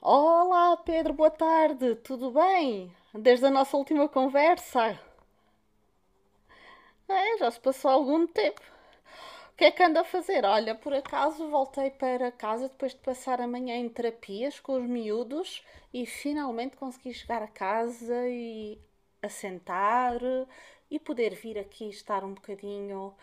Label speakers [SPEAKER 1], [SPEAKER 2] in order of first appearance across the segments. [SPEAKER 1] Olá, Pedro, boa tarde, tudo bem? Desde a nossa última conversa? É, já se passou algum tempo. O que é que anda a fazer? Olha, por acaso voltei para casa depois de passar a manhã em terapias com os miúdos e finalmente consegui chegar a casa e assentar e poder vir aqui estar um bocadinho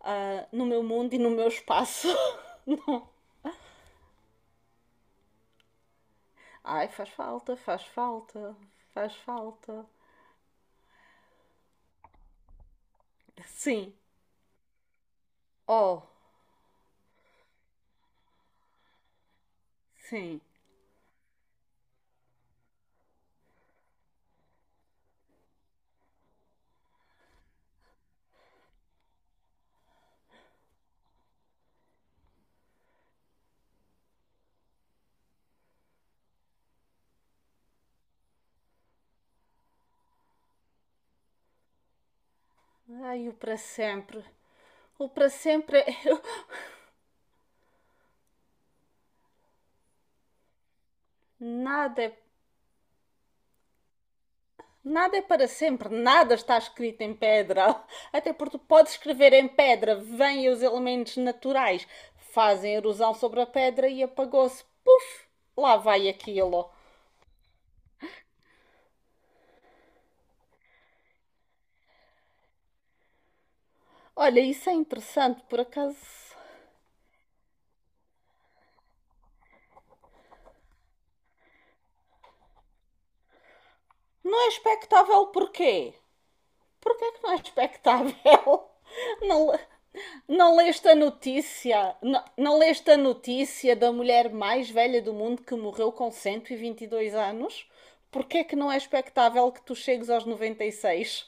[SPEAKER 1] no meu mundo e no meu espaço. Não. Ai, faz falta, faz falta, faz falta. Sim. Oh. Sim. Ai, o para sempre. O para sempre é. Nada é. Nada é para sempre, nada está escrito em pedra. Até porque tu podes escrever em pedra, vêm os elementos naturais, fazem erosão sobre a pedra e apagou-se. Puf! Lá vai aquilo. Olha, isso é interessante, por acaso. Não é expectável porquê? Por que é que não é expectável? Não, não leste a notícia? Não, não leste a notícia da mulher mais velha do mundo que morreu com cento e vinte e dois anos? Por que é que não é expectável que tu chegues aos 96?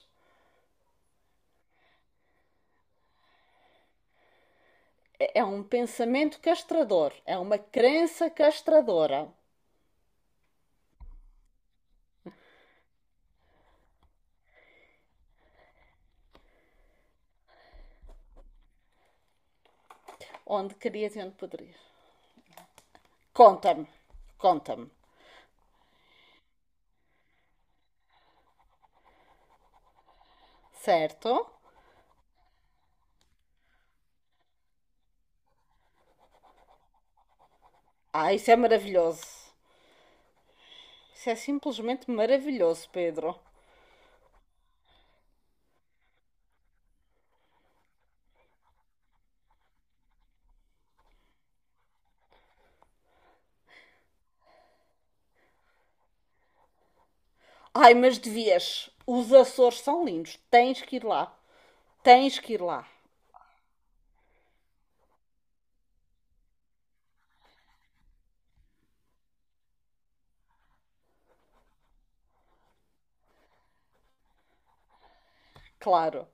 [SPEAKER 1] É um pensamento castrador, é uma crença castradora. Onde querias e onde poderias. Conta-me, conta-me, certo? Ah, isso é maravilhoso. Isso é simplesmente maravilhoso, Pedro. Ai, mas devias. Os Açores são lindos. Tens que ir lá. Tens que ir lá. Claro,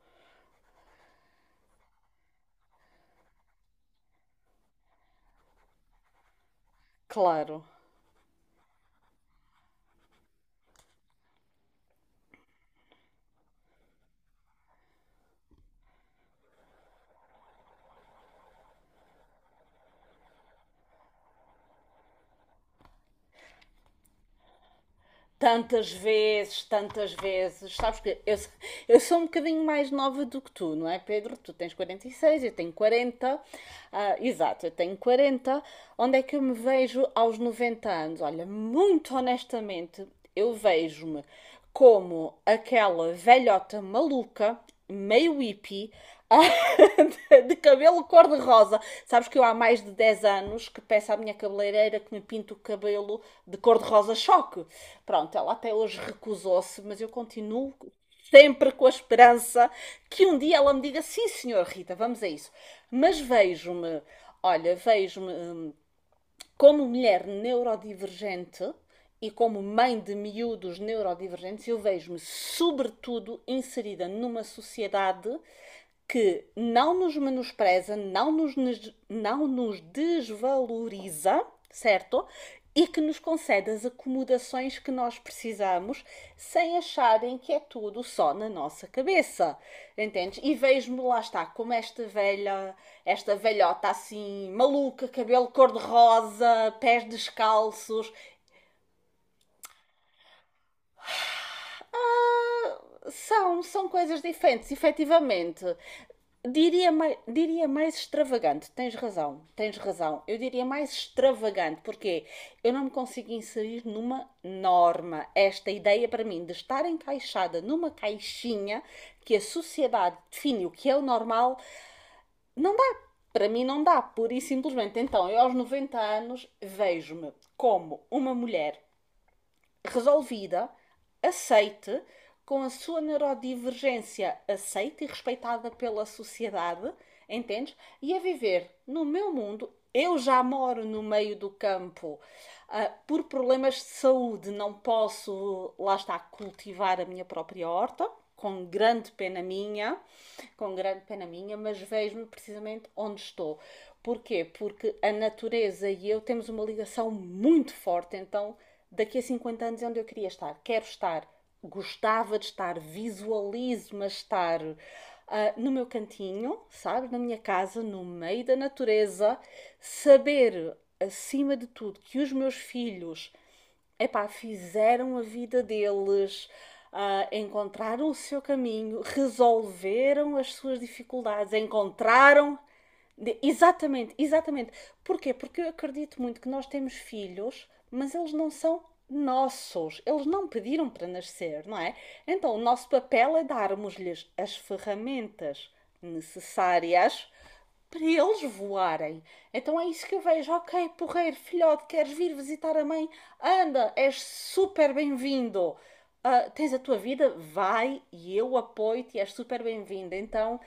[SPEAKER 1] claro. Tantas vezes, tantas vezes. Sabes que eu sou um bocadinho mais nova do que tu, não é, Pedro? Tu tens 46, eu tenho 40. Ah, exato, eu tenho 40. Onde é que eu me vejo aos 90 anos? Olha, muito honestamente, eu vejo-me como aquela velhota maluca, meio hippie, de cabelo cor-de-rosa. Sabes que eu há mais de 10 anos que peço à minha cabeleireira que me pinte o cabelo de cor-de-rosa choque. Pronto, ela até hoje recusou-se, mas eu continuo sempre com a esperança que um dia ela me diga sim, senhor Rita, vamos a isso. Mas vejo-me, olha, vejo-me como mulher neurodivergente e como mãe de miúdos neurodivergentes, eu vejo-me, sobretudo, inserida numa sociedade que não nos menospreza, não nos, não nos desvaloriza, certo? E que nos concede as acomodações que nós precisamos sem acharem que é tudo só na nossa cabeça. Entendes? E vejo-me lá está, como esta velha, esta velhota assim, maluca, cabelo cor-de-rosa, pés descalços. São, são coisas diferentes, efetivamente. Diria mais extravagante, tens razão, tens razão. Eu diria mais extravagante, porque eu não me consigo inserir numa norma. Esta ideia para mim de estar encaixada numa caixinha que a sociedade define o que é o normal, não dá. Para mim não dá, pura e simplesmente. Então, eu aos 90 anos vejo-me como uma mulher resolvida, aceite, com a sua neurodivergência aceita e respeitada pela sociedade, entendes? E a viver no meu mundo. Eu já moro no meio do campo. Por problemas de saúde, não posso, lá está, cultivar a minha própria horta, com grande pena minha, com grande pena minha, mas vejo-me precisamente onde estou. Porquê? Porque a natureza e eu temos uma ligação muito forte, então daqui a 50 anos é onde eu queria estar. Quero estar, gostava de estar, visualizo-me a estar no meu cantinho, sabe? Na minha casa, no meio da natureza, saber acima de tudo que os meus filhos, epá, fizeram a vida deles, encontraram o seu caminho, resolveram as suas dificuldades, encontraram, de- exatamente, exatamente. Porquê? Porque eu acredito muito que nós temos filhos, mas eles não são nossos. Eles não pediram para nascer, não é? Então, o nosso papel é darmos-lhes as ferramentas necessárias para eles voarem. Então é isso que eu vejo. Ok, porreiro, filhote, queres vir visitar a mãe? Anda, és super bem-vindo, tens a tua vida, vai e eu apoio-te e és super bem-vinda. Então,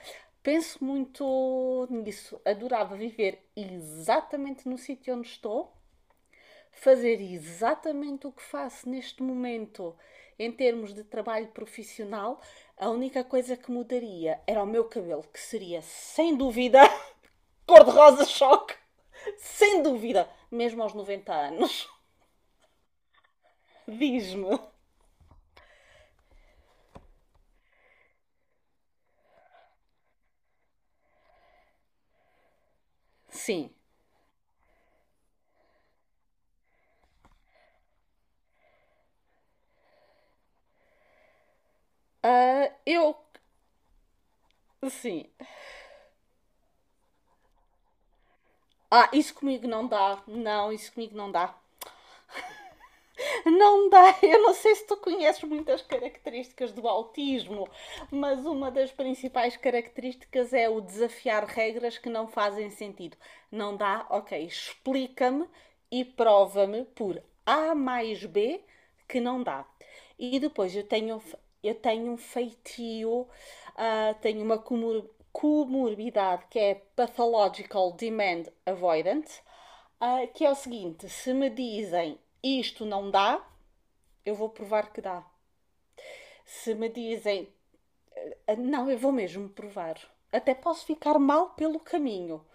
[SPEAKER 1] penso muito nisso. Adorava viver exatamente no sítio onde estou, fazer exatamente o que faço neste momento em termos de trabalho profissional. A única coisa que mudaria era o meu cabelo, que seria sem dúvida cor-de-rosa choque. Sem dúvida, mesmo aos 90 anos. Diz-me. Sim. Ah, eu. Sim. Ah, isso comigo não dá. Não, isso comigo não dá. Não dá. Eu não sei se tu conheces muitas características do autismo, mas uma das principais características é o desafiar regras que não fazem sentido. Não dá? Ok, explica-me e prova-me por A mais B que não dá. E depois eu tenho um feitio, tenho uma comorbidade que é Pathological Demand Avoidant, que é o seguinte: se me dizem isto não dá, eu vou provar que dá. Se me dizem "Ah, não", eu vou mesmo provar. Até posso ficar mal pelo caminho,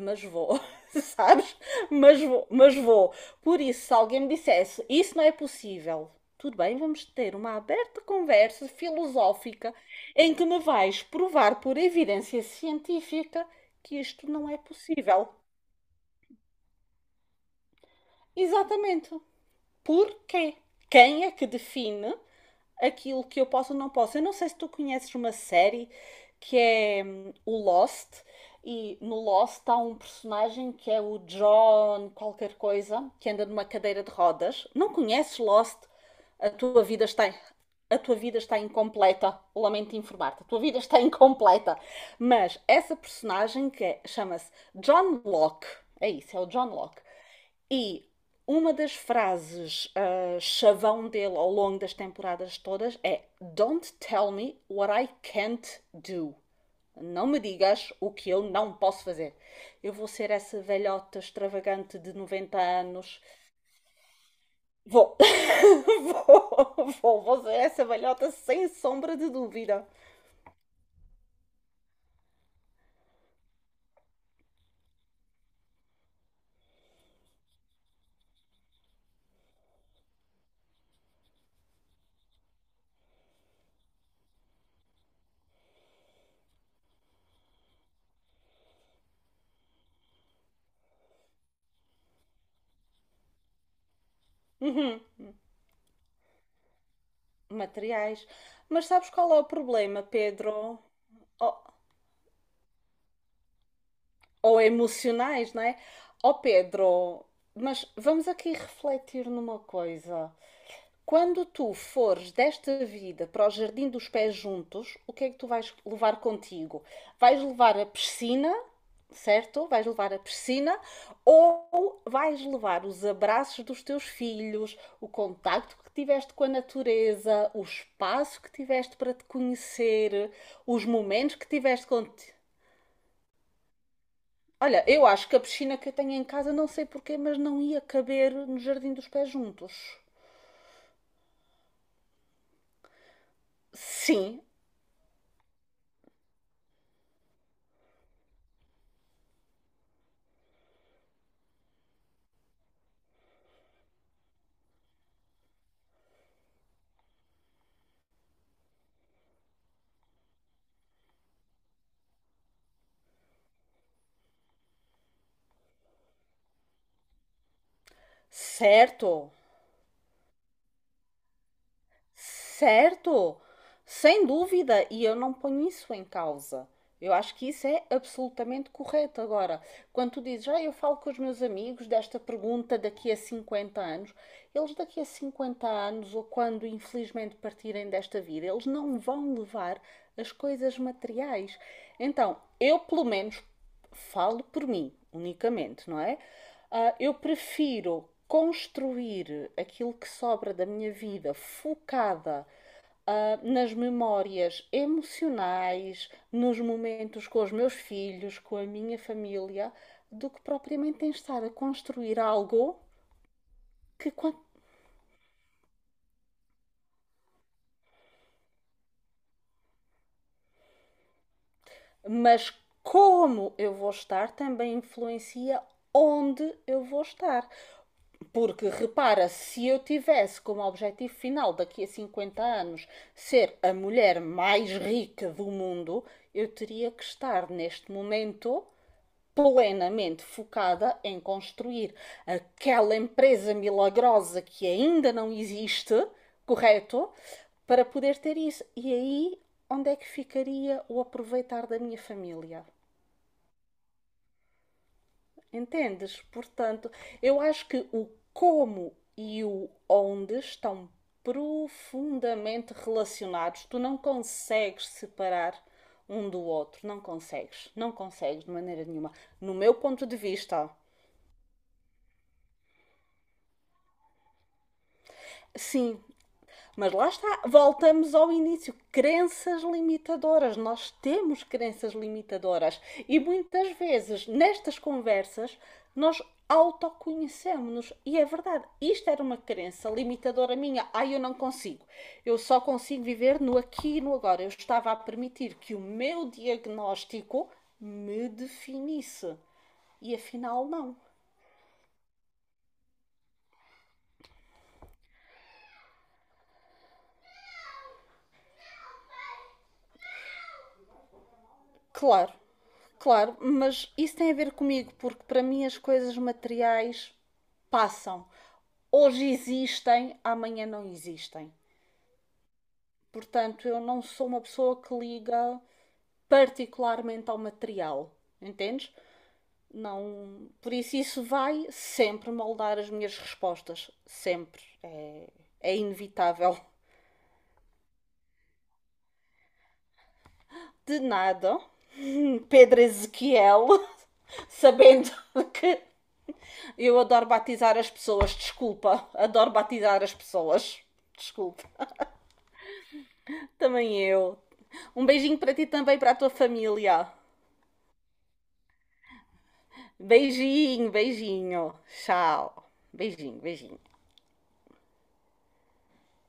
[SPEAKER 1] mas vou, sabes? Mas vou, mas vou. Por isso, se alguém me dissesse isso não é possível, tudo bem, vamos ter uma aberta conversa filosófica em que me vais provar por evidência científica que isto não é possível. Exatamente. Porquê? Quem é que define aquilo que eu posso ou não posso? Eu não sei se tu conheces uma série que é o Lost, e no Lost há um personagem que é o John qualquer coisa, que anda numa cadeira de rodas. Não conheces Lost? A tua vida está, a tua vida está incompleta. Lamento informar-te, a tua vida está incompleta. Mas essa personagem chama-se John Locke, é isso, é o John Locke. E uma das frases chavão dele ao longo das temporadas todas é Don't tell me what I can't do. Não me digas o que eu não posso fazer. Eu vou ser essa velhota extravagante de 90 anos. Vou. Vou, vou, vou ser essa velhota sem sombra de dúvida. Materiais. Mas sabes qual é o problema, Pedro? Oh, ou emocionais, não é? Ó Pedro, mas vamos aqui refletir numa coisa. Quando tu fores desta vida para o Jardim dos Pés Juntos, o que é que tu vais levar contigo? Vais levar a piscina, certo? Vais levar a piscina ou vais levar os abraços dos teus filhos, o contacto que tiveste com a natureza, o espaço que tiveste para te conhecer, os momentos que tiveste contigo. Olha, eu acho que a piscina que eu tenho em casa, não sei porquê, mas não ia caber no jardim dos pés juntos. Sim, certo, certo, sem dúvida, e eu não ponho isso em causa. Eu acho que isso é absolutamente correto. Agora, quando tu dizes, ah, eu falo com os meus amigos desta pergunta daqui a 50 anos, eles daqui a 50 anos, ou quando infelizmente partirem desta vida, eles não vão levar as coisas materiais. Então, eu pelo menos falo por mim unicamente, não é? Eu prefiro construir aquilo que sobra da minha vida focada, nas memórias emocionais, nos momentos com os meus filhos, com a minha família, do que propriamente em estar a construir algo que quando, mas como eu vou estar também influencia onde eu vou estar. Porque repara, se eu tivesse como objetivo final daqui a 50 anos ser a mulher mais rica do mundo, eu teria que estar neste momento plenamente focada em construir aquela empresa milagrosa que ainda não existe, correto? Para poder ter isso. E aí, onde é que ficaria o aproveitar da minha família? Entendes? Portanto, eu acho que o como e o onde estão profundamente relacionados. Tu não consegues separar um do outro, não consegues, não consegues de maneira nenhuma. No meu ponto de vista, sim. Mas lá está, voltamos ao início. Crenças limitadoras. Nós temos crenças limitadoras. E muitas vezes, nestas conversas, nós autoconhecemos-nos. E é verdade, isto era uma crença limitadora minha. Ah, eu não consigo. Eu só consigo viver no aqui e no agora. Eu estava a permitir que o meu diagnóstico me definisse. E afinal, não. Claro, claro, mas isso tem a ver comigo, porque para mim as coisas materiais passam. Hoje existem, amanhã não existem. Portanto, eu não sou uma pessoa que liga particularmente ao material, entendes? Não, por isso isso vai sempre moldar as minhas respostas, sempre. É, é inevitável. De nada, Pedro Ezequiel, sabendo que eu adoro batizar as pessoas, desculpa. Adoro batizar as pessoas. Desculpa. Também eu. Um beijinho para ti também, para a tua família. Beijinho, beijinho. Tchau. Beijinho, beijinho.